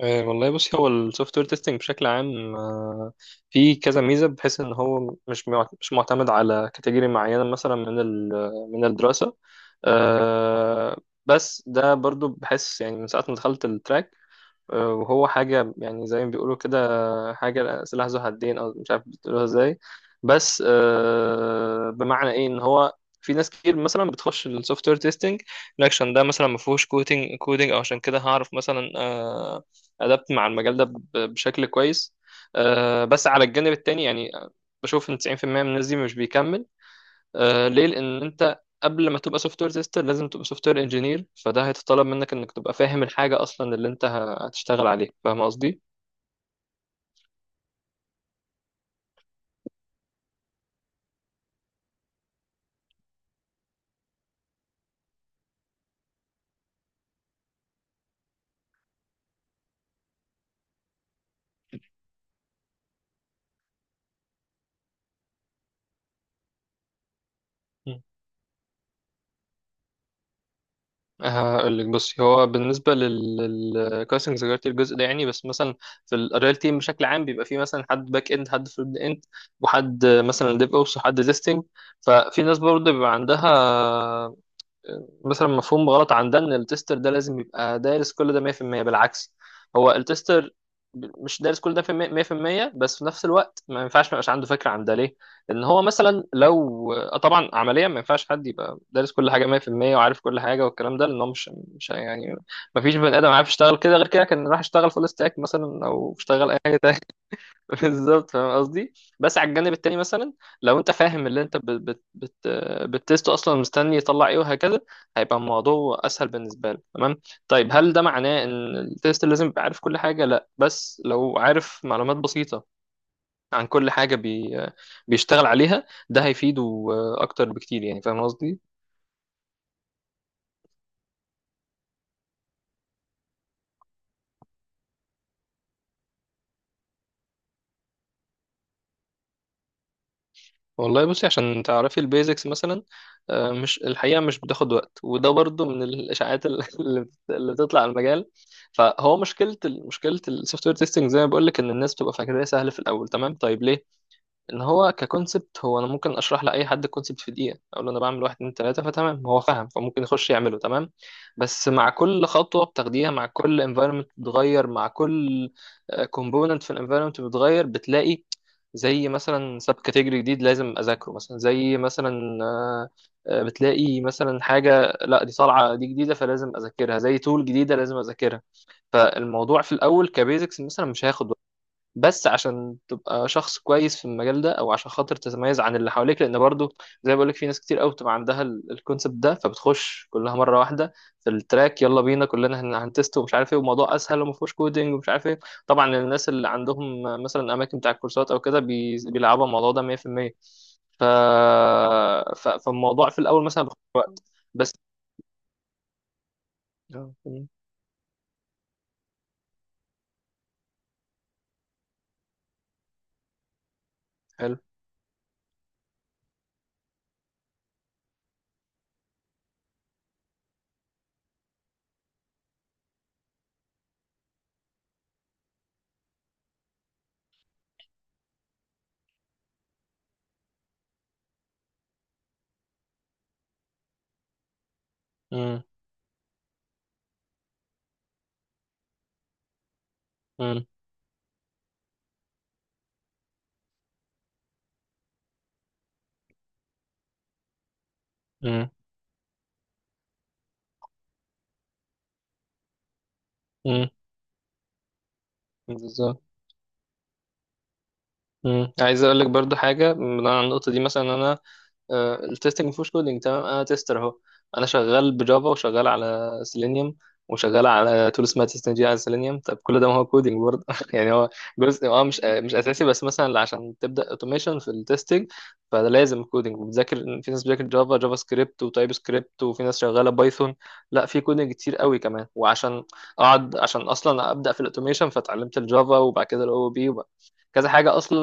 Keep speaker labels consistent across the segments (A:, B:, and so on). A: والله بص، هو السوفت وير تيستنج بشكل عام، فيه كذا ميزه، بحيث ان هو مش معتمد على كاتيجوري معينه، مثلا من الدراسه. آه، بس ده برضو بحس يعني من ساعه ما دخلت التراك. وهو حاجة يعني زي ما بيقولوا كده، حاجة سلاح ذو حدين، أو مش عارف بتقولوها إزاي. بس بمعنى إيه؟ إن هو في ناس كتير مثلا بتخش السوفت وير تيستنج عشان ده مثلا ما فيهوش كودينج كودينج، او عشان كده هعرف مثلا ادابت مع المجال ده بشكل كويس. بس على الجانب التاني يعني بشوف ان 90% من الناس دي مش بيكمل. ليه؟ لان انت قبل ما تبقى سوفت وير تيستر لازم تبقى سوفت وير انجينير، فده هيتطلب منك انك تبقى فاهم الحاجه اصلا اللي انت هتشتغل عليها. فاهم قصدي؟ مم. هقول لك، بصي، هو بالنسبه للكاستنج ذكرت الجزء ده يعني، بس مثلا في الريال تيم بشكل عام بيبقى فيه مثلا حد باك اند، حد فرونت اند، وحد مثلا ديف اوبس، وحد تيستنج. ففي ناس برضه بيبقى عندها مثلا مفهوم غلط عندنا، ان التستر ده لازم يبقى دارس كل ده 100%. بالعكس، هو التستر مش دارس كل ده في 100%، بس في نفس الوقت ما ينفعش ما يبقاش عنده فكره عن ده. ليه؟ لان هو مثلا لو طبعا عمليا ما ينفعش حد يبقى دارس كل حاجه 100% وعارف كل حاجه والكلام ده. لان هو مش يعني، ما فيش بني ادم عارف يشتغل كده. غير كده كان راح يشتغل فول ستاك مثلا، او اشتغل اي حاجه. بالظبط، فاهم قصدي. بس على الجانب التاني مثلا لو انت فاهم اللي انت بت بت بت بتست اصلا، مستني يطلع ايه وهكذا، هيبقى الموضوع اسهل بالنسبه له. تمام. طيب هل ده معناه ان التيست لازم يبقى عارف كل حاجه؟ لا، بس لو عارف معلومات بسيطه عن كل حاجه بيشتغل عليها، ده هيفيده اكتر بكتير يعني. فاهم قصدي؟ والله بصي، عشان تعرفي البيزكس مثلا، مش، الحقيقة مش بتاخد وقت، وده برضو من الإشاعات اللي بتطلع على المجال. فهو مشكلة السوفت وير تيستنج زي ما بقول لك، إن الناس بتبقى فاكراه سهل في الأول. تمام طيب، ليه؟ ان هو ككونسبت، هو انا ممكن اشرح لاي حد الكونسبت في دقيقه، اقول له انا بعمل واحد اتنين تلاته، فتمام هو فاهم، فممكن يخش يعمله. تمام. بس مع كل خطوه بتاخديها، مع كل انفايرمنت بتتغير، مع كل كومبوننت في الانفايرمنت بتتغير، بتلاقي زي مثلا سب كاتيجوري جديد لازم اذاكره، مثلا زي مثلا بتلاقي مثلا حاجه، لا دي طالعه دي جديده فلازم اذاكرها، زي تول جديده لازم اذاكرها. فالموضوع في الاول كبيزكس مثلا مش هياخد، بس عشان تبقى شخص كويس في المجال ده، او عشان خاطر تتميز عن اللي حواليك، لان برضو زي ما بقولك في ناس كتير قوي بتبقى عندها الكونسبت ده، فبتخش كلها مره واحده في التراك، يلا بينا كلنا هنتست ومش عارف ايه، والموضوع اسهل وما فيهوش كودنج ومش عارف ايه. طبعا الناس اللي عندهم مثلا اماكن بتاع الكورسات او كده بيلعبوا الموضوع ده 100%. ف... فالموضوع في الاول مثلا بياخد وقت. بس. آه. مم. حلو. مم. مم. مم. مم. بالظبط. مم. عايز اقول لك برضو حاجه من على النقطه دي. مثلا انا التستنج مفيهوش كودينج، تمام، انا تيستر اهو. انا شغال بجافا، وشغال على سيلينيوم، وشغال على تول اسمها تستنج على سيلينيوم. طب كل ده ما هو كودينج برضه؟ يعني هو جزء، مش مش اساسي، بس مثلا عشان تبدا اوتوميشن في التستنج فده لازم كودينج. وبتذاكر، في ناس بتذاكر جافا، جافا سكريبت وتايب سكريبت، وفي ناس شغاله بايثون. لا، في كودينج كتير قوي كمان. وعشان اقعد، عشان اصلا ابدا في الاوتوميشن فتعلمت الجافا، وبعد كده OOP، كذا حاجه اصلا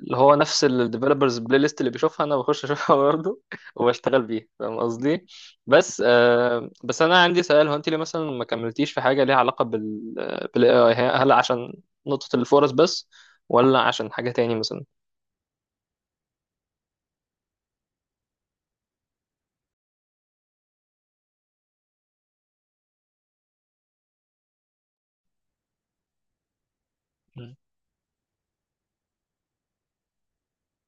A: اللي هو نفس الديفلوبرز بلاي ليست اللي بيشوفها، انا بخش اشوفها برضه، وبشتغل بيها. فاهم قصدي؟ بس بس انا عندي سؤال، هو انت ليه مثلا ما كملتيش في حاجه ليها علاقه بالاي اي؟ هل عشان نقطه الفرص بس؟ ولا عشان حاجه تاني مثلا؟ مم.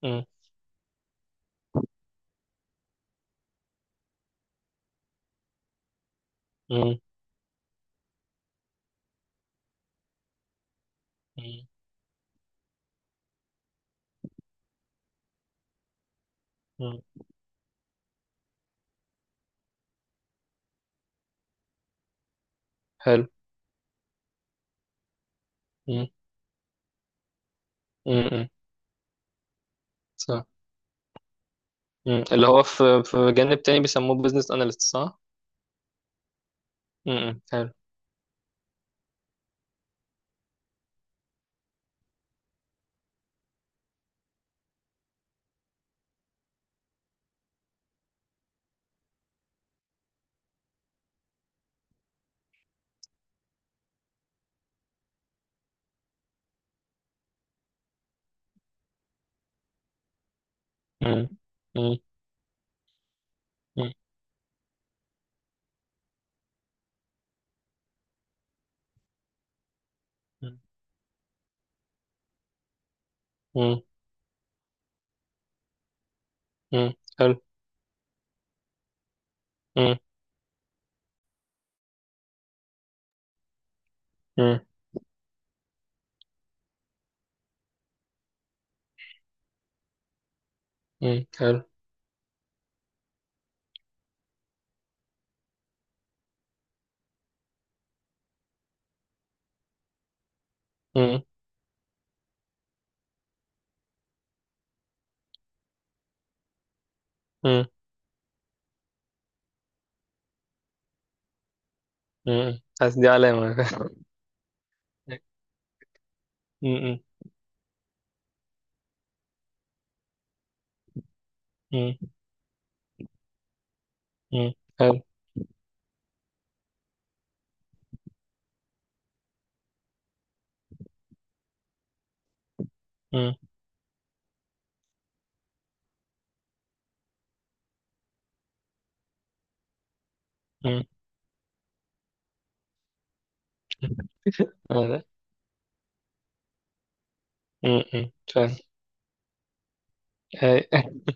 A: مم. مم. مم. مم. حلو. مم. مم. مم. صح. مم. اللي هو في جانب تاني بيسموه بزنس اناليست. صح. مم. مم. حلو. مم. مم. مم. مم. مم. حلو. مم. مم. حلو. مم. مم. حاسس دي علامة. مم. مم. مم. حلو. مم. مم. لا. م-م. فاهم. أي-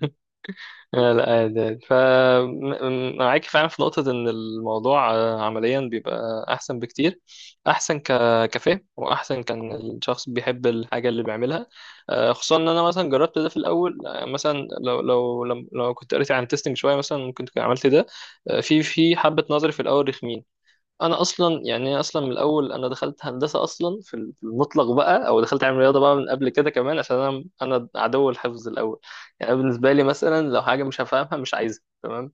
A: لا لا، عادي عادي. فمعاك فعلا في نقطة، إن الموضوع عمليا بيبقى أحسن بكتير، أحسن كفهم، وأحسن كان الشخص بيحب الحاجة اللي بيعملها. خصوصا إن أنا مثلا جربت ده في الأول. مثلا لو كنت قريت عن تيستنج شوية مثلا، ممكن كنت عملت ده. في حبة نظري في الأول، رخمين. انا اصلا يعني أنا اصلا من الاول، انا دخلت هندسه اصلا، في المطلق بقى، او دخلت علم رياضه بقى من قبل كده كمان، عشان انا عدو الحفظ الاول. يعني أنا بالنسبه لي مثلا، لو حاجه مش هفهمها مش عايزها. تمام.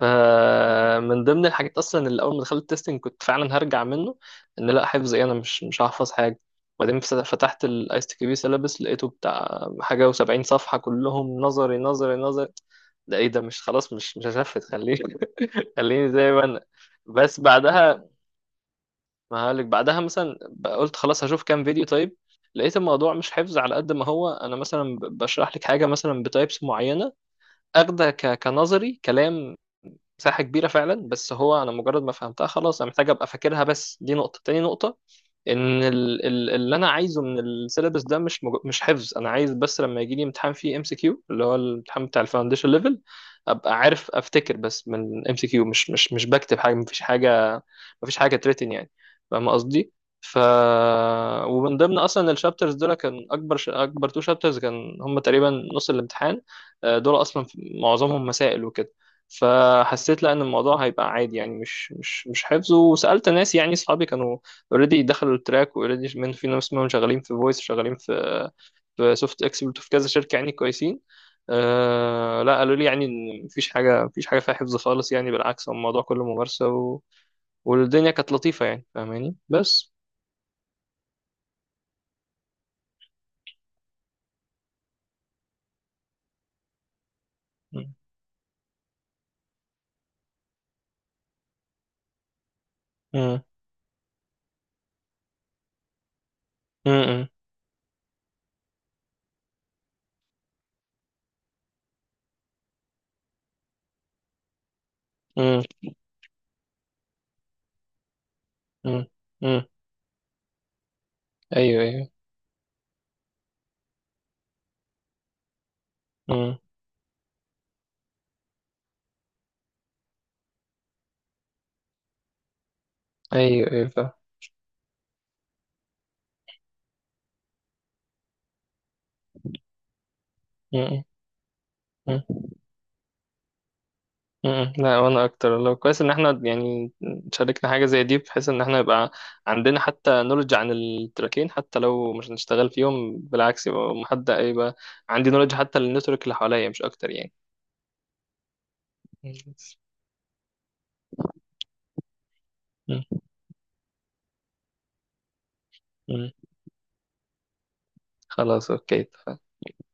A: فمن ضمن الحاجات اصلا، اللي اول ما دخلت التستنج كنت فعلا هرجع منه، ان لا، حفظ ايه، انا مش هحفظ حاجه. وبعدين فتحت الايس تي بي سيلابس، لقيته بتاع حاجه و70 صفحه كلهم نظري نظري نظري. ده ايه ده؟ مش خلاص، مش هشفت، خليني. خليني زي ما انا. بس بعدها، ما هقولك، بعدها مثلا قلت خلاص هشوف كام فيديو. طيب لقيت الموضوع مش حفظ على قد ما هو، انا مثلا بشرح لك حاجه مثلا بتايبس معينه، اخده كنظري كلام، مساحه كبيره فعلا. بس هو انا مجرد ما فهمتها خلاص انا محتاج ابقى فاكرها. بس دي نقطه، تاني نقطه، ان اللي انا عايزه من السيلابس ده مش مش حفظ. انا عايز بس لما يجي لي امتحان فيه MCQ، اللي هو الامتحان بتاع الفاونديشن ليفل، ابقى عارف افتكر. بس من MCQ، مش بكتب حاجه. مفيش حاجه، مفيش حاجه تريتن يعني. فاهم قصدي؟ ف ومن ضمن اصلا الشابترز دول، كان اكبر اكبر تو شابترز كان هم تقريبا نص الامتحان. دول اصلا معظمهم مسائل وكده. فحسيت لا، ان الموضوع هيبقى عادي يعني، مش حفظ. وسالت ناس يعني، اصحابي كانوا اوريدي دخلوا التراك، واوريدي في ناس منهم شغالين في فويس، شغالين في سوفت اكسبرت، وفي كذا شركه يعني كويسين. لا، قالوا لي يعني ان مفيش حاجه، مفيش حاجه فيها حفظ خالص يعني. بالعكس، هو الموضوع كله ممارسه، و... والدنيا كانت لطيفه يعني، فاهماني. بس. مم. مم. مم. مم. مم. مم. ايوه ايوه. مم. ايوه ايوه، فاهم. مم. مم. مم. لا، وانا اكتر، لو كويس ان احنا يعني شاركنا حاجه زي دي، بحيث ان احنا يبقى عندنا حتى نولج عن التراكين، حتى لو مش هنشتغل فيهم. بالعكس، يبقى محد، يبقى عندي نولج حتى للنتورك اللي حواليا، مش اكتر يعني. مم. مم. خلاص اوكي.